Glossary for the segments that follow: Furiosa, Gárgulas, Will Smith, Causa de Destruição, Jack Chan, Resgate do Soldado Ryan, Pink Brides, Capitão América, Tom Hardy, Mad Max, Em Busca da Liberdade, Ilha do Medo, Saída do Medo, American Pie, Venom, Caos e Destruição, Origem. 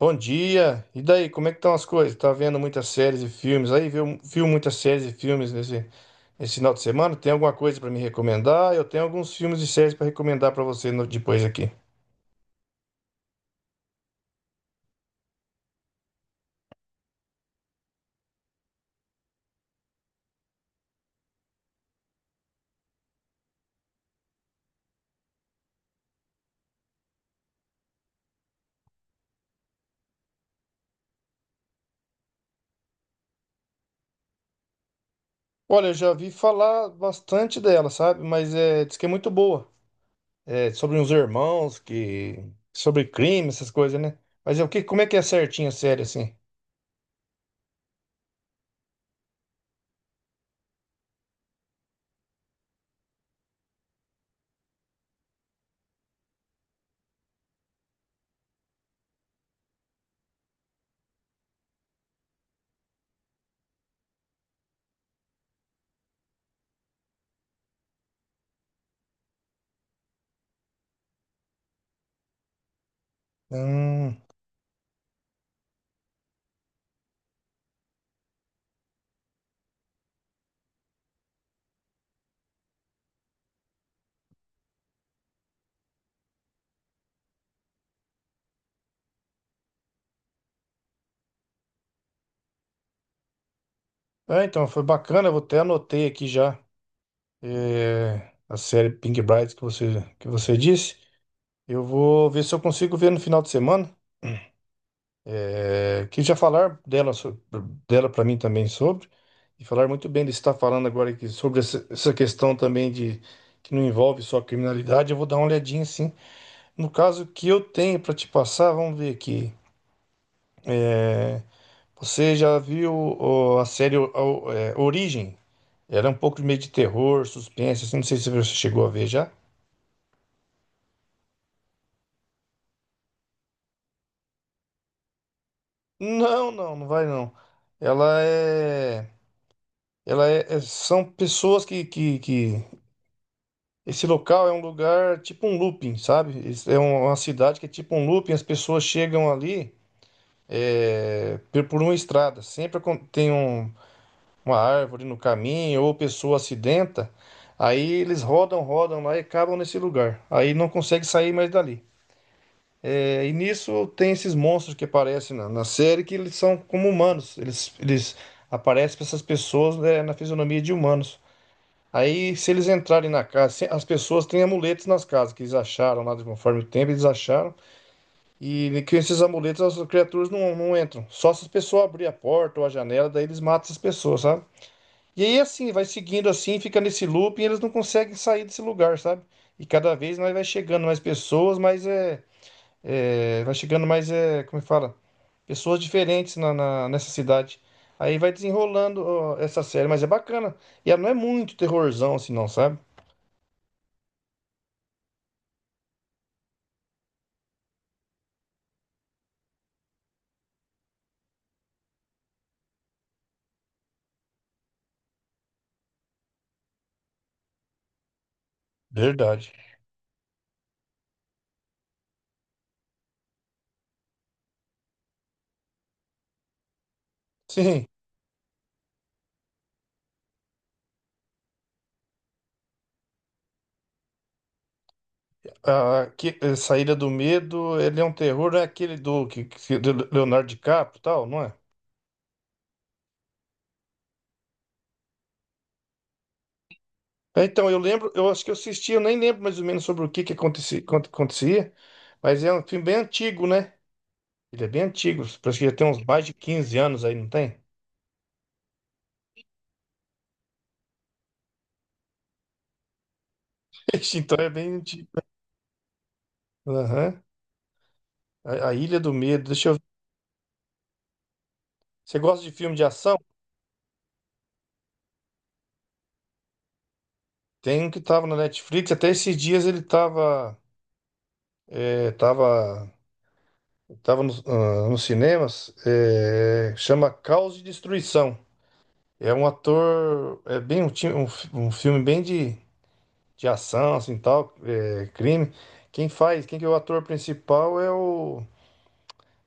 Bom dia. E daí, como é que estão as coisas? Tá vendo muitas séries e filmes aí? Viu muitas séries e filmes nesse final de semana? Tem alguma coisa para me recomendar? Eu tenho alguns filmes e séries para recomendar para você depois aqui. Olha, eu já vi falar bastante dela, sabe? Mas é, diz que é muito boa. É sobre uns irmãos que sobre crime, essas coisas, né? Mas é o que, como é que é certinho a série assim? Hum, é, então foi bacana, eu até anotei aqui já é, a série Pink Brides que você disse. Eu vou ver se eu consigo ver no final de semana, é, que já falar dela para mim também sobre, e falar muito bem de estar falando agora aqui sobre essa questão também de que não envolve só criminalidade, eu vou dar uma olhadinha sim. No caso que eu tenho para te passar, vamos ver aqui. Você já viu ó, a série Origem? Era um pouco de meio de terror, suspense, assim, não sei se você chegou a ver já. Não vai não. Ela é, ela é, são pessoas que esse local é um lugar tipo um looping, sabe? Esse É uma cidade que é tipo um looping, as pessoas chegam ali é, por uma estrada. Sempre tem uma árvore no caminho ou pessoa acidenta. Aí eles rodam lá e acabam nesse lugar. Aí não consegue sair mais dali. É, e nisso tem esses monstros que aparecem na série que eles são como humanos. Eles aparecem para essas pessoas né, na fisionomia de humanos. Aí, se eles entrarem na casa, as pessoas têm amuletos nas casas que eles acharam lá, de conforme o tempo eles acharam, e que esses amuletos as criaturas não entram. Só se as pessoas abrir a porta ou a janela, daí eles matam as pessoas, sabe? E aí, assim, vai seguindo assim, fica nesse loop e eles não conseguem sair desse lugar, sabe? E cada vez mais vai chegando mais pessoas, vai chegando mais, como é que fala? Pessoas diferentes nessa cidade. Aí vai desenrolando ó, essa série, mas é bacana. E ela não é muito terrorzão assim, não, sabe? Verdade. Sim, a Saída do Medo, ele é um terror, é aquele do Leonardo DiCaprio e tal, não é? É, então, eu lembro, eu acho que eu assisti, eu nem lembro mais ou menos sobre o que que acontecia, quanto acontecia, mas é um filme bem antigo, né? Ele é bem antigo, parece que já tem uns mais de 15 anos aí, não tem? Ixi, então é bem antigo. Aham. A Ilha do Medo, deixa eu ver. Você gosta de filme de ação? Tem um que tava na Netflix, até esses dias ele tava, estava estava nos nos cinemas, é, chama Caos e Destruição. É um ator, é bem um filme bem de ação, assim, tal, é, crime. Quem que é o ator principal é o,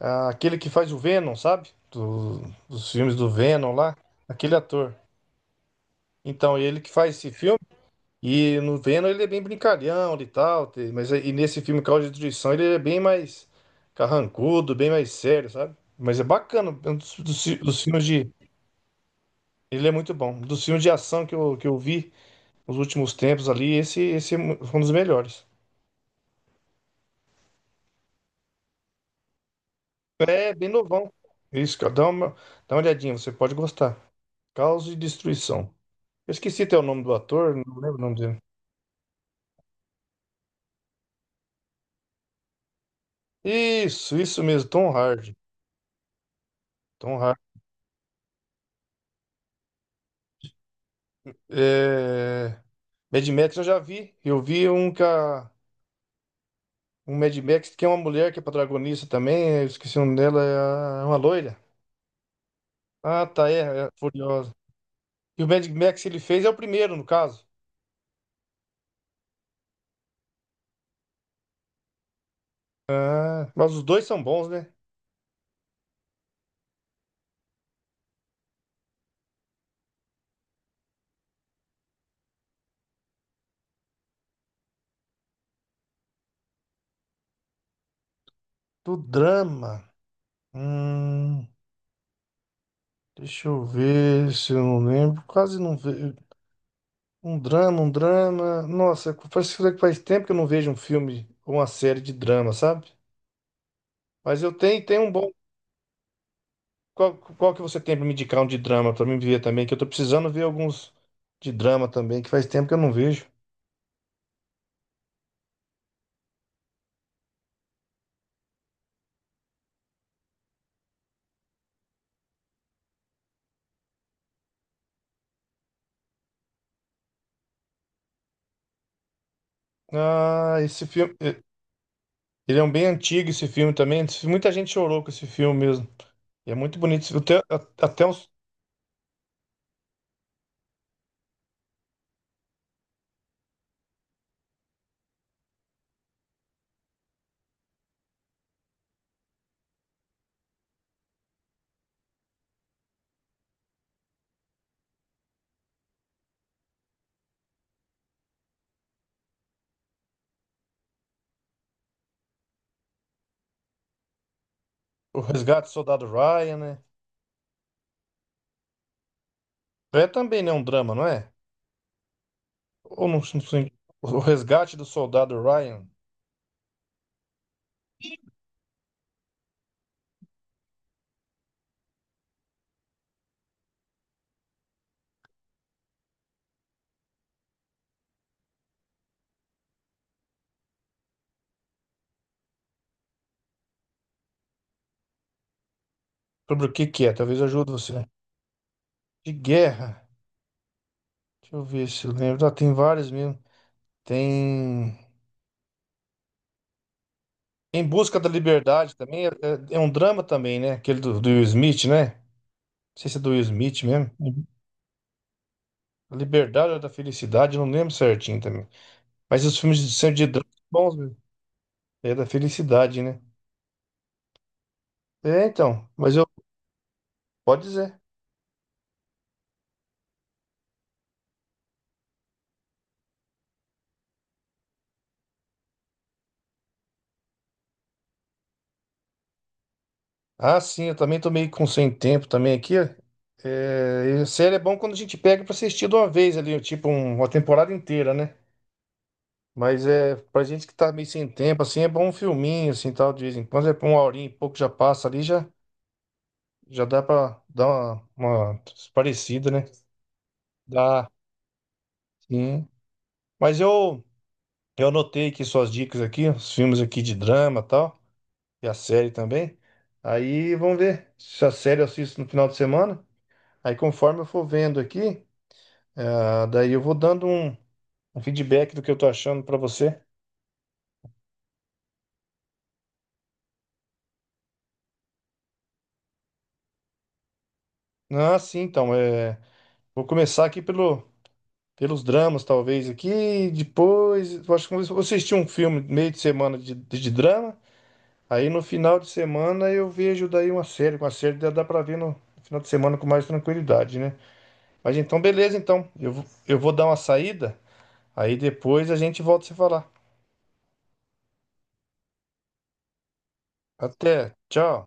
ah, aquele que faz o Venom, sabe? Dos filmes do Venom lá, aquele ator. Então, ele que faz esse filme. E no Venom ele é bem brincalhão e tal, e nesse filme Causa de Destruição ele é bem mais carrancudo, bem mais sério, sabe? Mas é bacana, é um dos filmes de. Ele é muito bom. Dos filmes de ação que eu vi nos últimos tempos ali, foi um dos melhores. É bem novão. Isso, cara, dá uma olhadinha, você pode gostar. Causa de Destruição. Eu esqueci até o nome do ator, não lembro o nome dele. Isso mesmo, Tom Hardy. Tom Hardy. É. Mad Max eu já vi. Eu vi um Mad Max que é uma mulher que é protagonista também. Eu esqueci o nome dela, é uma loira. Ah, tá, é Furiosa. E o Mad Max ele fez é o primeiro, no caso. Ah, mas os dois são bons, né? Do drama. Hum, deixa eu ver se eu não lembro. Quase não vejo. Um drama. Nossa, faz tempo que eu não vejo um filme ou uma série de drama, sabe? Mas tenho um bom. Qual que você tem pra me indicar um de drama pra mim ver também? Que eu tô precisando ver alguns de drama também, que faz tempo que eu não vejo. Ah, esse filme. Eh, ele é um bem antigo, esse filme também. Muita gente chorou com esse filme mesmo. E é muito bonito. Até os- o Resgate do Soldado Ryan, né? É também, né? Um drama, não é? Ou não, não sei. O Resgate do Soldado Ryan. Sobre o que que é? Talvez eu ajude você. De guerra. Deixa eu ver se eu lembro. Ah, tem vários mesmo. Tem. Em Busca da Liberdade também é um drama também, né? Aquele do Will Smith, né? Não sei se é do Will Smith mesmo. Uhum. A Liberdade ou da Felicidade, eu não lembro certinho também. Mas os filmes de sempre de drama são bons, mesmo. É da felicidade, né? É, então, mas eu pode dizer. Ah, sim, eu também tô meio com sem tempo também aqui. Ó, é, e série é bom quando a gente pega pra assistir de uma vez ali, tipo uma temporada inteira, né? Mas é pra gente que tá meio sem tempo, assim, é bom um filminho, assim, tal, de vez em quando, é pra uma horinha e pouco já passa ali, já. Já dá pra dar uma parecida, né? Dá, sim. Mas eu, eu anotei aqui suas dicas aqui, os filmes aqui de drama e tal, e a série também. Aí vamos ver se a série eu assisto no final de semana. Aí conforme eu for vendo aqui, ah, daí eu vou dando um feedback do que eu tô achando pra você. Ah, sim, então, é, vou começar aqui pelo, pelos dramas, talvez, aqui, depois, eu acho que eu vou assistir um filme meio de semana de drama. Aí no final de semana eu vejo daí uma série, dá, dá pra ver no final de semana com mais tranquilidade, né? Mas então, beleza, então. Eu vou dar uma saída, aí depois a gente volta a se falar. Até, tchau.